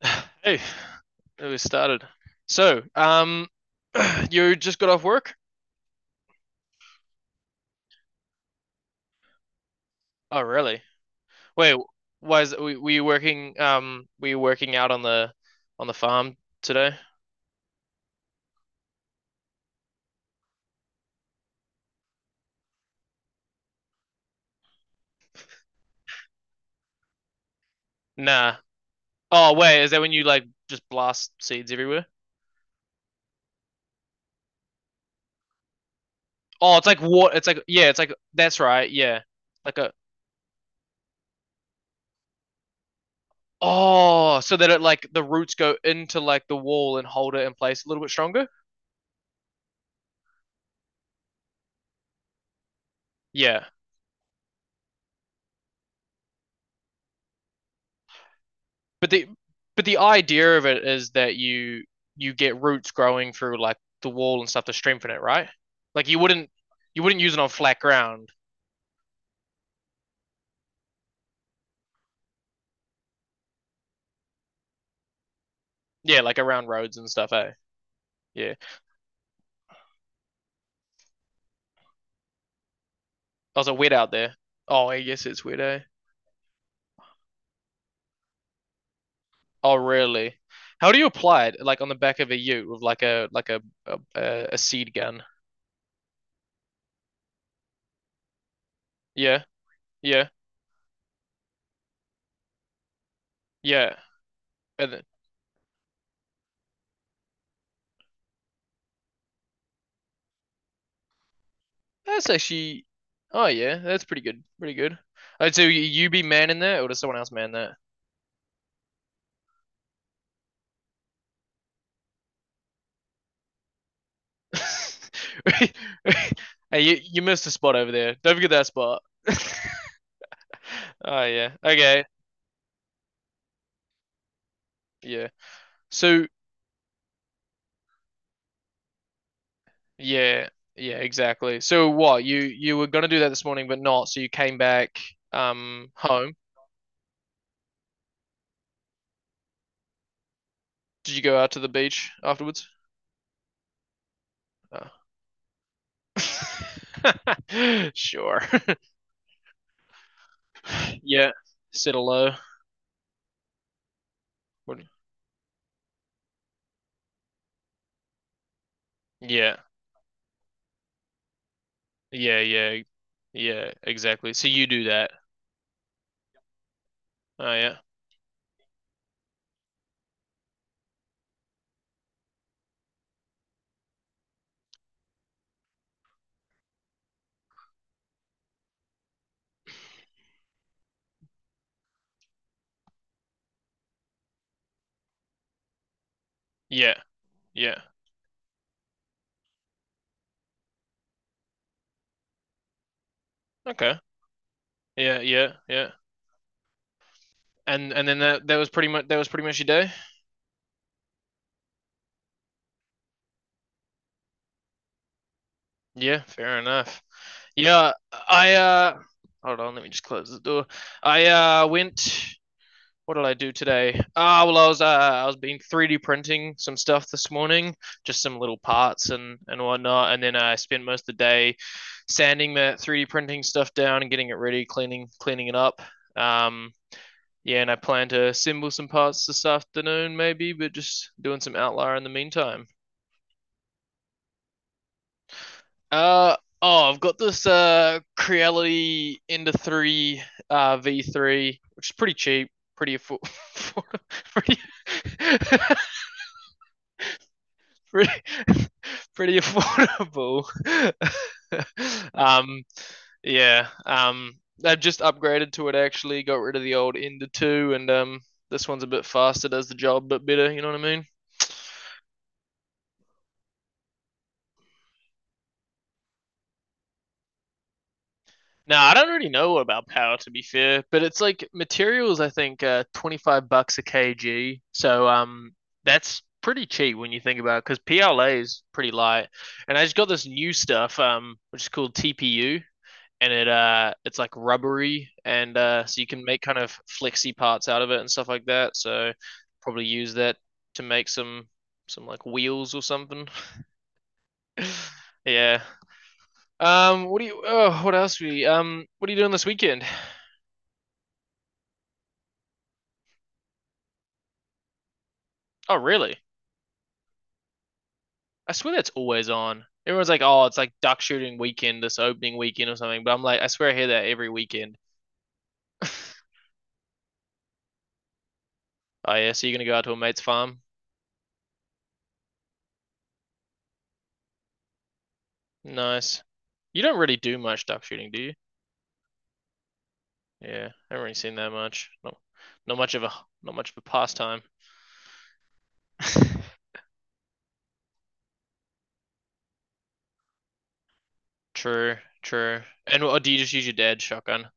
Hey, we started. So, um, you just got off work? Oh, really? Wait, why is were you working? Were you working out on the farm today? Nah. Oh, wait, is that when you like just blast seeds everywhere? Oh, it's like what? It's like yeah, it's like that's right. Yeah, like a oh, so that it like the roots go into like the wall and hold it in place a little bit stronger. Yeah. But the but the idea of it is that you get roots growing through like the wall and stuff to strengthen it, right? Like you wouldn't use it on flat ground. Yeah, like around roads and stuff, eh? Yeah. Was it wet out there? Oh, I guess it's wet, eh? Oh, really? How do you apply it? Like on the back of a ute with like a seed gun. Yeah, yeah, yeah. And then, that's actually, oh yeah, that's pretty good, pretty good. Oh, so you be manning that, or does someone else man that? Hey, you missed a spot over there. Don't forget that spot. Oh yeah. Okay. Yeah. So yeah, yeah, exactly. So what, you were gonna do that this morning but not, so you came back home. Did you go out to the beach afterwards? Oh. Sure. Yeah. Settle low. What- Yeah. Yeah, yeah. Yeah, exactly. So you do that. Oh yeah. Yeah. Yeah. Okay. Yeah, yeah, yeah. And then that was pretty much that was pretty much your day. Yeah, fair enough. Yeah, I hold on, let me just close the door. I went. What did I do today? Ah, well, I was been 3D printing some stuff this morning, just some little parts and whatnot, and then I spent most of the day sanding that 3D printing stuff down and getting it ready, cleaning it up. Um, yeah, and I plan to assemble some parts this afternoon, maybe, but just doing some outlier in the meantime. Oh, I've got this Creality Ender three V three, which is pretty cheap, pretty affo- pretty, pretty pretty affordable. um yeah, I've just upgraded to it actually, got rid of the old Ender two, and this one's a bit faster, does the job a bit better. You know what I mean? No, I don't really know about power to be fair, but it's like materials. I think $25 a kg, so that's pretty cheap when you think about it because PLA is pretty light. And I just got this new stuff which is called TPU, and it's like rubbery, and so you can make kind of flexy parts out of it and stuff like that. So probably use that to make some like wheels or something. yeah. What do you? Oh, what else? We what are you doing this weekend? Oh, really? I swear that's always on. Everyone's like, oh, it's like duck shooting weekend, this opening weekend or something. But I'm like, I swear I hear that every weekend. Oh, yeah. So you're going to go out to a mate's farm? Nice. You don't really do much duck shooting, do you? Yeah. I haven't really seen that much. Not, not much of a, not much of a pastime. True, true. And what, do you just use your dad's shotgun?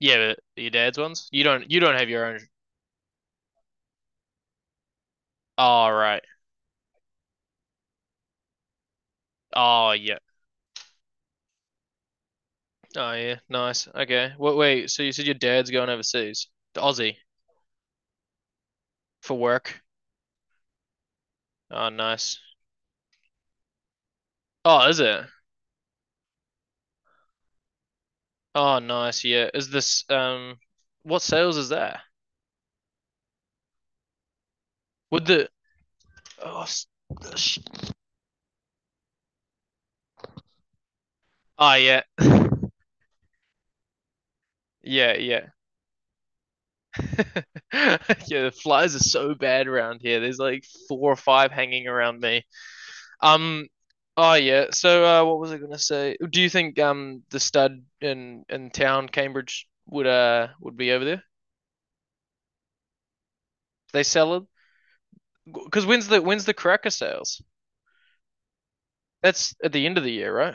Yeah, but your dad's ones? You don't have your own. Oh, right. Oh, yeah. Oh, yeah. Nice. Okay. Wait, wait. So you said your dad's going overseas to Aussie? For work. Oh, nice. Oh, is it? Oh, nice. Yeah. Is this what sales is there? Would the oh, s- ah, yeah, yeah, yeah, yeah. The flies are so bad around here. There's like four or five hanging around me. Um, oh yeah. So, what was I gonna say? Do you think the stud in town, Cambridge, would be over there? They sell it because when's the cracker sales? That's at the end of the year, right?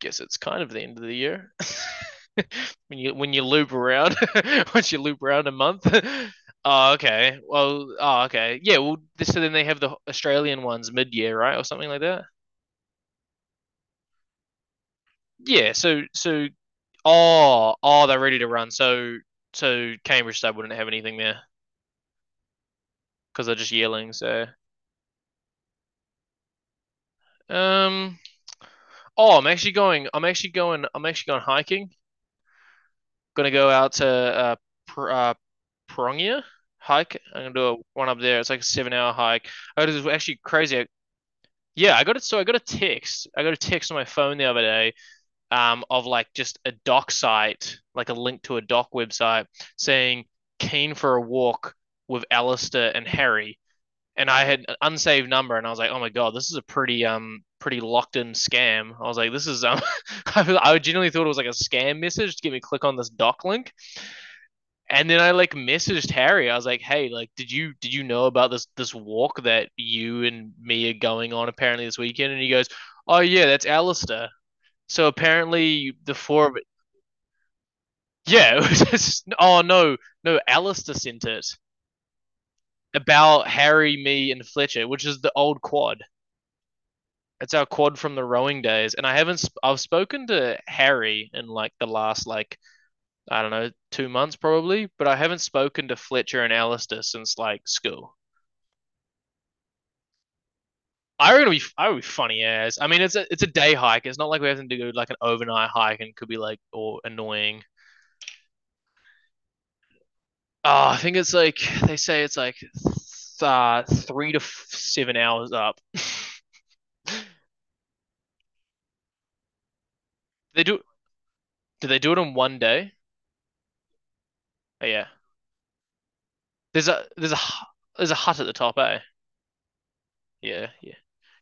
Guess it's kind of the end of the year. When you when you loop around, once you loop around a month. Oh, okay. Well, oh, okay. Yeah. Well, so then they have the Australian ones mid-year, right, or something like that. Yeah. So, so, oh, oh, they're ready to run. So, so Cambridge Stud wouldn't have anything there because they're just yearlings. So, um, oh, I'm actually going hiking gonna go out to Pr- uh Prongia hike. I'm gonna do a one up there. It's like a 7 hour hike. Oh, this is actually crazy. Yeah, I got it. So I got a text on my phone the other day, of like just a doc site, like a link to a doc website, saying keen for a walk with Alistair and Harry. And I had an unsaved number, and I was like, oh my god, this is a pretty pretty locked in scam. I was like, this is I genuinely thought it was like a scam message to get me to click on this doc link and then I like messaged Harry. I was like, "Hey, like, did you know about this this walk that you and me are going on apparently this weekend?" And he goes, "Oh yeah, that's Alistair." So apparently the four of it, yeah. It was just, oh no, no, Alistair sent it about Harry, me, and Fletcher, which is the old quad. It's our quad from the rowing days, and I haven't. Sp- I've spoken to Harry in like the last like I don't know 2 months probably, but I haven't spoken to Fletcher and Alistair since like school. I reckon it'd be I would be funny as. I mean, it's a day hike. It's not like we have to do like an overnight hike and could be like or annoying. Oh, I think it's like they say it's like 7 hours up. They do. Did they do it in one day? Oh, yeah. There's a there's a there's a hut at the top, eh? Yeah, yeah.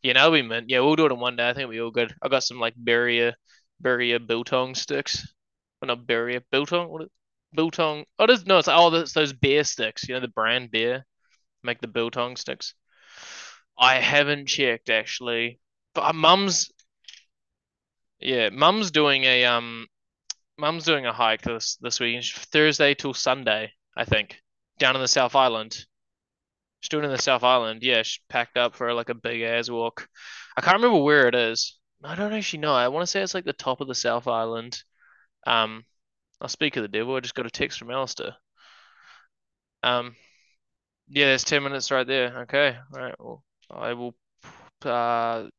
Yeah, now we meant. Yeah, we'll do it in one day. I think it'll be all good. I got some like Beria biltong sticks. Oh, not Beria biltong. What is, biltong? Oh, no, it's all those beer sticks. You know the brand beer make the biltong sticks. I haven't checked actually, but mum's yeah, mum's doing a hike this this weekend, Thursday till Sunday, I think, down in the South Island. She's doing it in the South Island. Yeah, she packed up for like a big ass walk. I can't remember where it is. I don't actually know. I want to say it's like the top of the South Island. Um, I'll speak of the devil. I just got a text from Alistair. Um, yeah, there's 10 minutes right there. Okay. All right. Well, I will uh,